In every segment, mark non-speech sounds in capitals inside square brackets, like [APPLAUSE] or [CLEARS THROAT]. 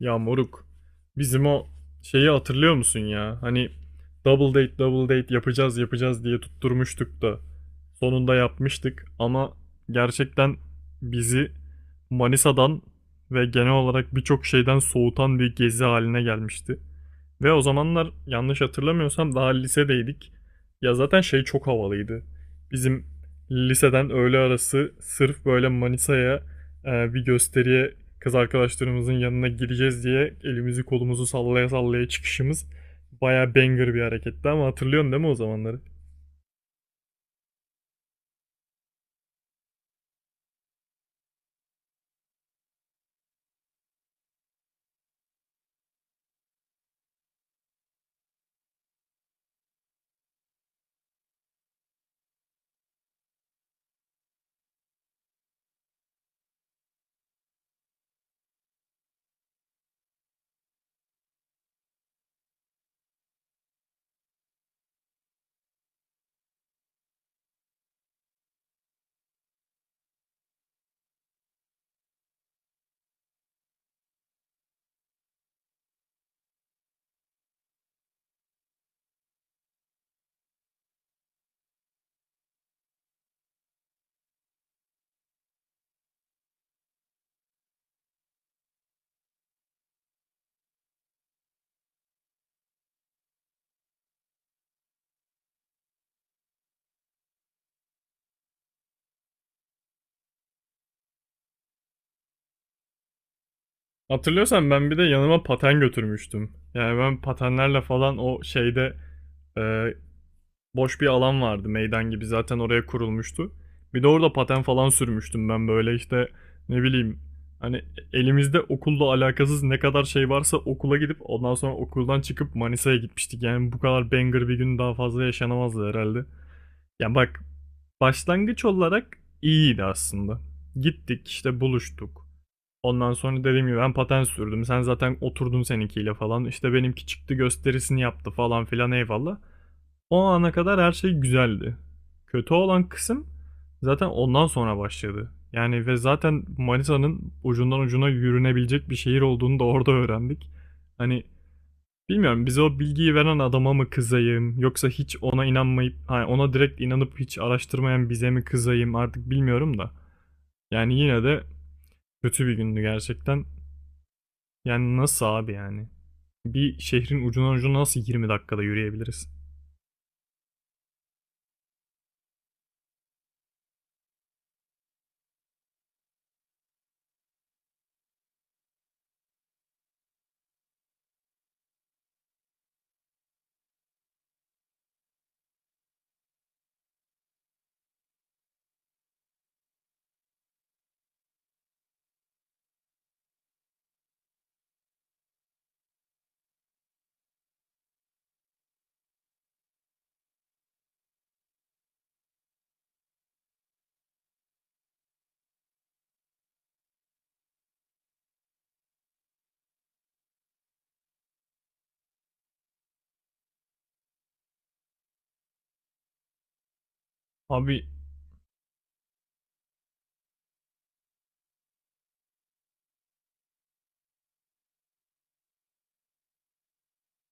Ya moruk, bizim o şeyi hatırlıyor musun ya? Hani double date double date yapacağız yapacağız diye tutturmuştuk da sonunda yapmıştık ama gerçekten bizi Manisa'dan ve genel olarak birçok şeyden soğutan bir gezi haline gelmişti. Ve o zamanlar yanlış hatırlamıyorsam daha lisedeydik. Ya zaten şey çok havalıydı. Bizim liseden öğle arası sırf böyle Manisa'ya, bir gösteriye, kız arkadaşlarımızın yanına gideceğiz diye elimizi kolumuzu sallaya sallaya çıkışımız bayağı banger bir hareketti ama hatırlıyorsun değil mi o zamanları? Hatırlıyorsan ben bir de yanıma paten götürmüştüm. Yani ben patenlerle falan o şeyde, e, boş bir alan vardı, meydan gibi zaten oraya kurulmuştu. Bir de orada paten falan sürmüştüm ben böyle işte, ne bileyim, hani elimizde okulla alakasız ne kadar şey varsa okula gidip ondan sonra okuldan çıkıp Manisa'ya gitmiştik. Yani bu kadar banger bir gün daha fazla yaşanamazdı herhalde. Yani bak, başlangıç olarak iyiydi aslında. Gittik işte buluştuk. Ondan sonra dediğim gibi ben paten sürdüm. Sen zaten oturdun seninkiyle falan. İşte benimki çıktı gösterisini yaptı falan filan eyvallah. O ana kadar her şey güzeldi. Kötü olan kısım zaten ondan sonra başladı. Yani ve zaten Manisa'nın ucundan ucuna yürünebilecek bir şehir olduğunu da orada öğrendik. Hani bilmiyorum, bize o bilgiyi veren adama mı kızayım, yoksa hiç ona inanmayıp hani ona direkt inanıp hiç araştırmayan bize mi kızayım artık bilmiyorum da. Yani yine de kötü bir gündü gerçekten. Yani nasıl abi yani? Bir şehrin ucundan ucuna nasıl 20 dakikada yürüyebiliriz? Abi.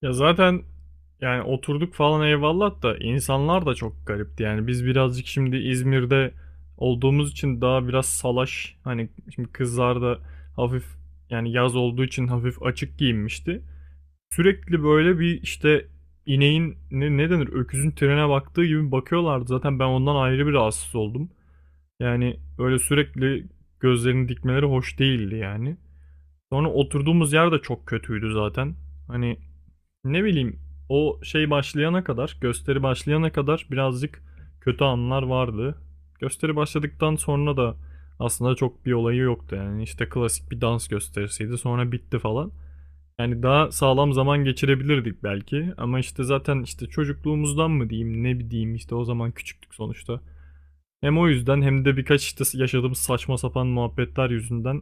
Ya zaten yani oturduk falan eyvallah da, insanlar da çok garipti. Yani biz birazcık, şimdi İzmir'de olduğumuz için, daha biraz salaş. Hani şimdi kızlar da hafif, yani yaz olduğu için hafif açık giyinmişti. Sürekli böyle bir işte, ineğin ne denir, öküzün trene baktığı gibi bakıyorlardı. Zaten ben ondan ayrı bir rahatsız oldum. Yani öyle sürekli gözlerini dikmeleri hoş değildi yani. Sonra oturduğumuz yer de çok kötüydü zaten. Hani ne bileyim, o şey başlayana kadar, gösteri başlayana kadar birazcık kötü anlar vardı. Gösteri başladıktan sonra da aslında çok bir olayı yoktu yani. İşte klasik bir dans gösterisiydi, sonra bitti falan. Yani daha sağlam zaman geçirebilirdik belki ama işte zaten işte çocukluğumuzdan mı diyeyim ne diyeyim, işte o zaman küçüktük sonuçta. Hem o yüzden hem de birkaç işte yaşadığımız saçma sapan muhabbetler yüzünden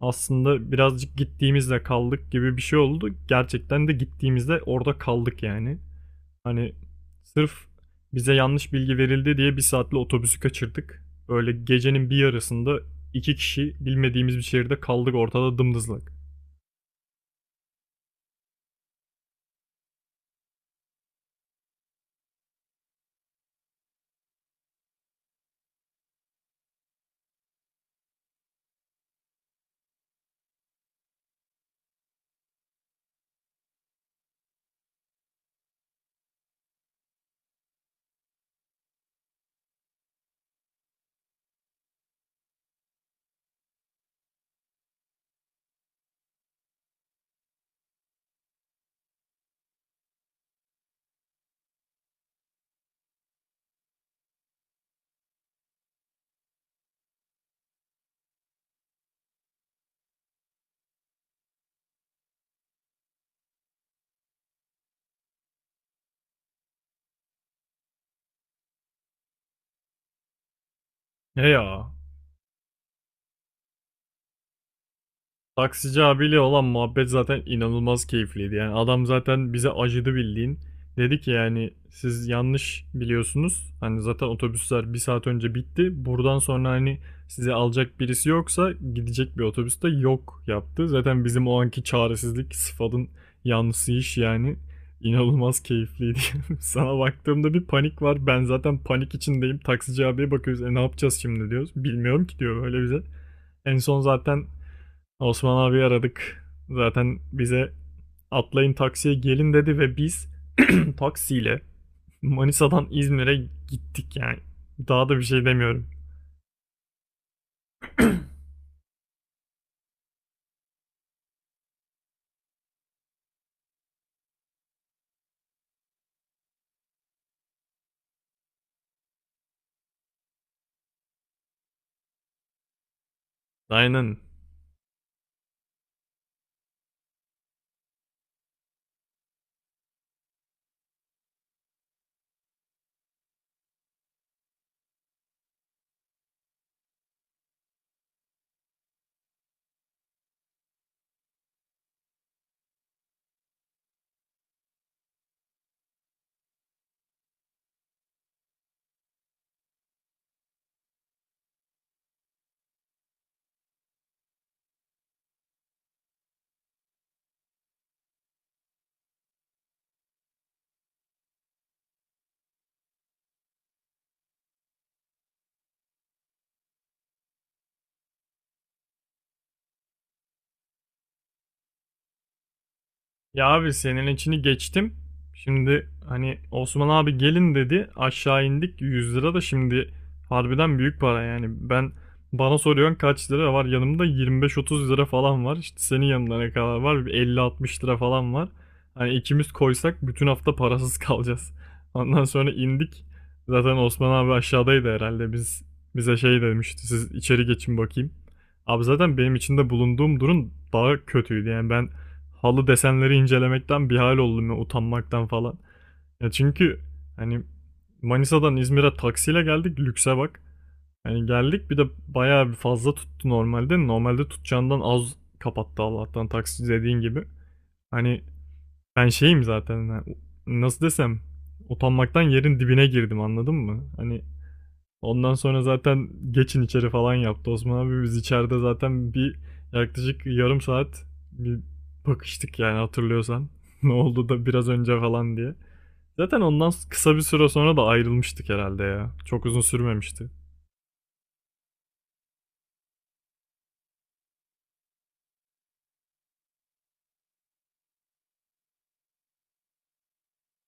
aslında birazcık gittiğimizde kaldık gibi bir şey oldu. Gerçekten de gittiğimizde orada kaldık yani. Hani sırf bize yanlış bilgi verildi diye bir saatli otobüsü kaçırdık. Öyle gecenin bir yarısında iki kişi bilmediğimiz bir şehirde kaldık ortada dımdızlak. He ya. Taksici abiyle olan muhabbet zaten inanılmaz keyifliydi. Yani adam zaten bize acıdı bildiğin. Dedi ki yani siz yanlış biliyorsunuz. Hani zaten otobüsler bir saat önce bitti. Buradan sonra hani sizi alacak birisi yoksa gidecek bir otobüs de yok yaptı. Zaten bizim o anki çaresizlik sıfatın yanlısı iş yani. İnanılmaz keyifliydi. [LAUGHS] Sana baktığımda bir panik var. Ben zaten panik içindeyim. Taksici abiye bakıyoruz. E ne yapacağız şimdi diyoruz. Bilmiyorum ki diyor böyle bize. En son zaten Osman abi aradık. Zaten bize atlayın taksiye gelin dedi ve biz [CLEARS THROAT] [LAUGHS] taksiyle Manisa'dan İzmir'e gittik yani. Daha da bir şey demiyorum. Aynen. Ya abi, senin içini geçtim. Şimdi hani Osman abi gelin dedi. Aşağı indik, 100 lira da şimdi harbiden büyük para yani. Ben, bana soruyorsun kaç lira var? Yanımda 25-30 lira falan var. İşte senin yanında ne kadar var? Bir 50-60 lira falan var. Hani ikimiz koysak bütün hafta parasız [LAUGHS] kalacağız. Ondan sonra indik. Zaten Osman abi aşağıdaydı herhalde. Biz, bize şey demişti. Siz içeri geçin bakayım. Abi zaten benim içinde bulunduğum durum daha kötüydü. Yani ben halı desenleri incelemekten bir hal oldum ya, utanmaktan falan. Ya çünkü hani Manisa'dan İzmir'e taksiyle geldik, lükse bak. Hani geldik, bir de bayağı bir fazla tuttu normalde. Normalde tutacağından az kapattı Allah'tan, taksi dediğin gibi. Hani ben şeyim zaten, yani nasıl desem, utanmaktan yerin dibine girdim anladın mı? Hani ondan sonra zaten geçin içeri falan yaptı Osman abi. Biz içeride zaten bir yaklaşık yarım saat bir bakıştık yani, hatırlıyorsan. [LAUGHS] Ne oldu da biraz önce falan diye. Zaten ondan kısa bir süre sonra da ayrılmıştık herhalde ya. Çok uzun sürmemişti.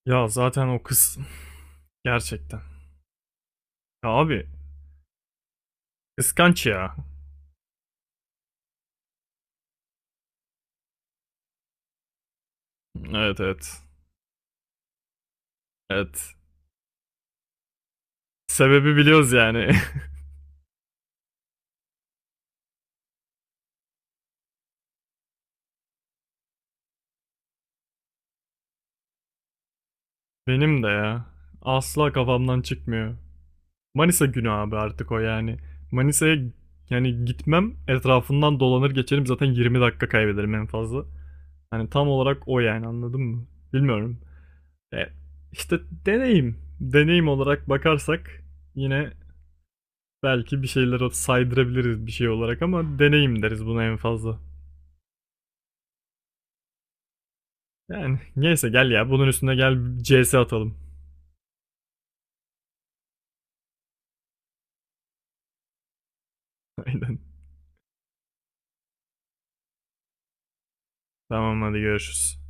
Ya zaten o kız [LAUGHS] gerçekten. Ya abi, kıskanç ya. Evet evet. Evet. Sebebi biliyoruz yani. [LAUGHS] Benim de ya. Asla kafamdan çıkmıyor. Manisa günü abi artık o yani. Manisa'ya, yani gitmem, etrafından dolanır geçerim, zaten 20 dakika kaybederim en fazla. Hani tam olarak o yani, anladın mı? Bilmiyorum. E, işte deneyim. Deneyim olarak bakarsak yine belki bir şeyler saydırabiliriz bir şey olarak ama deneyim deriz buna en fazla. Yani neyse, gel ya, bunun üstüne gel CS atalım. [LAUGHS] Aynen. Tamam hadi görüşürüz.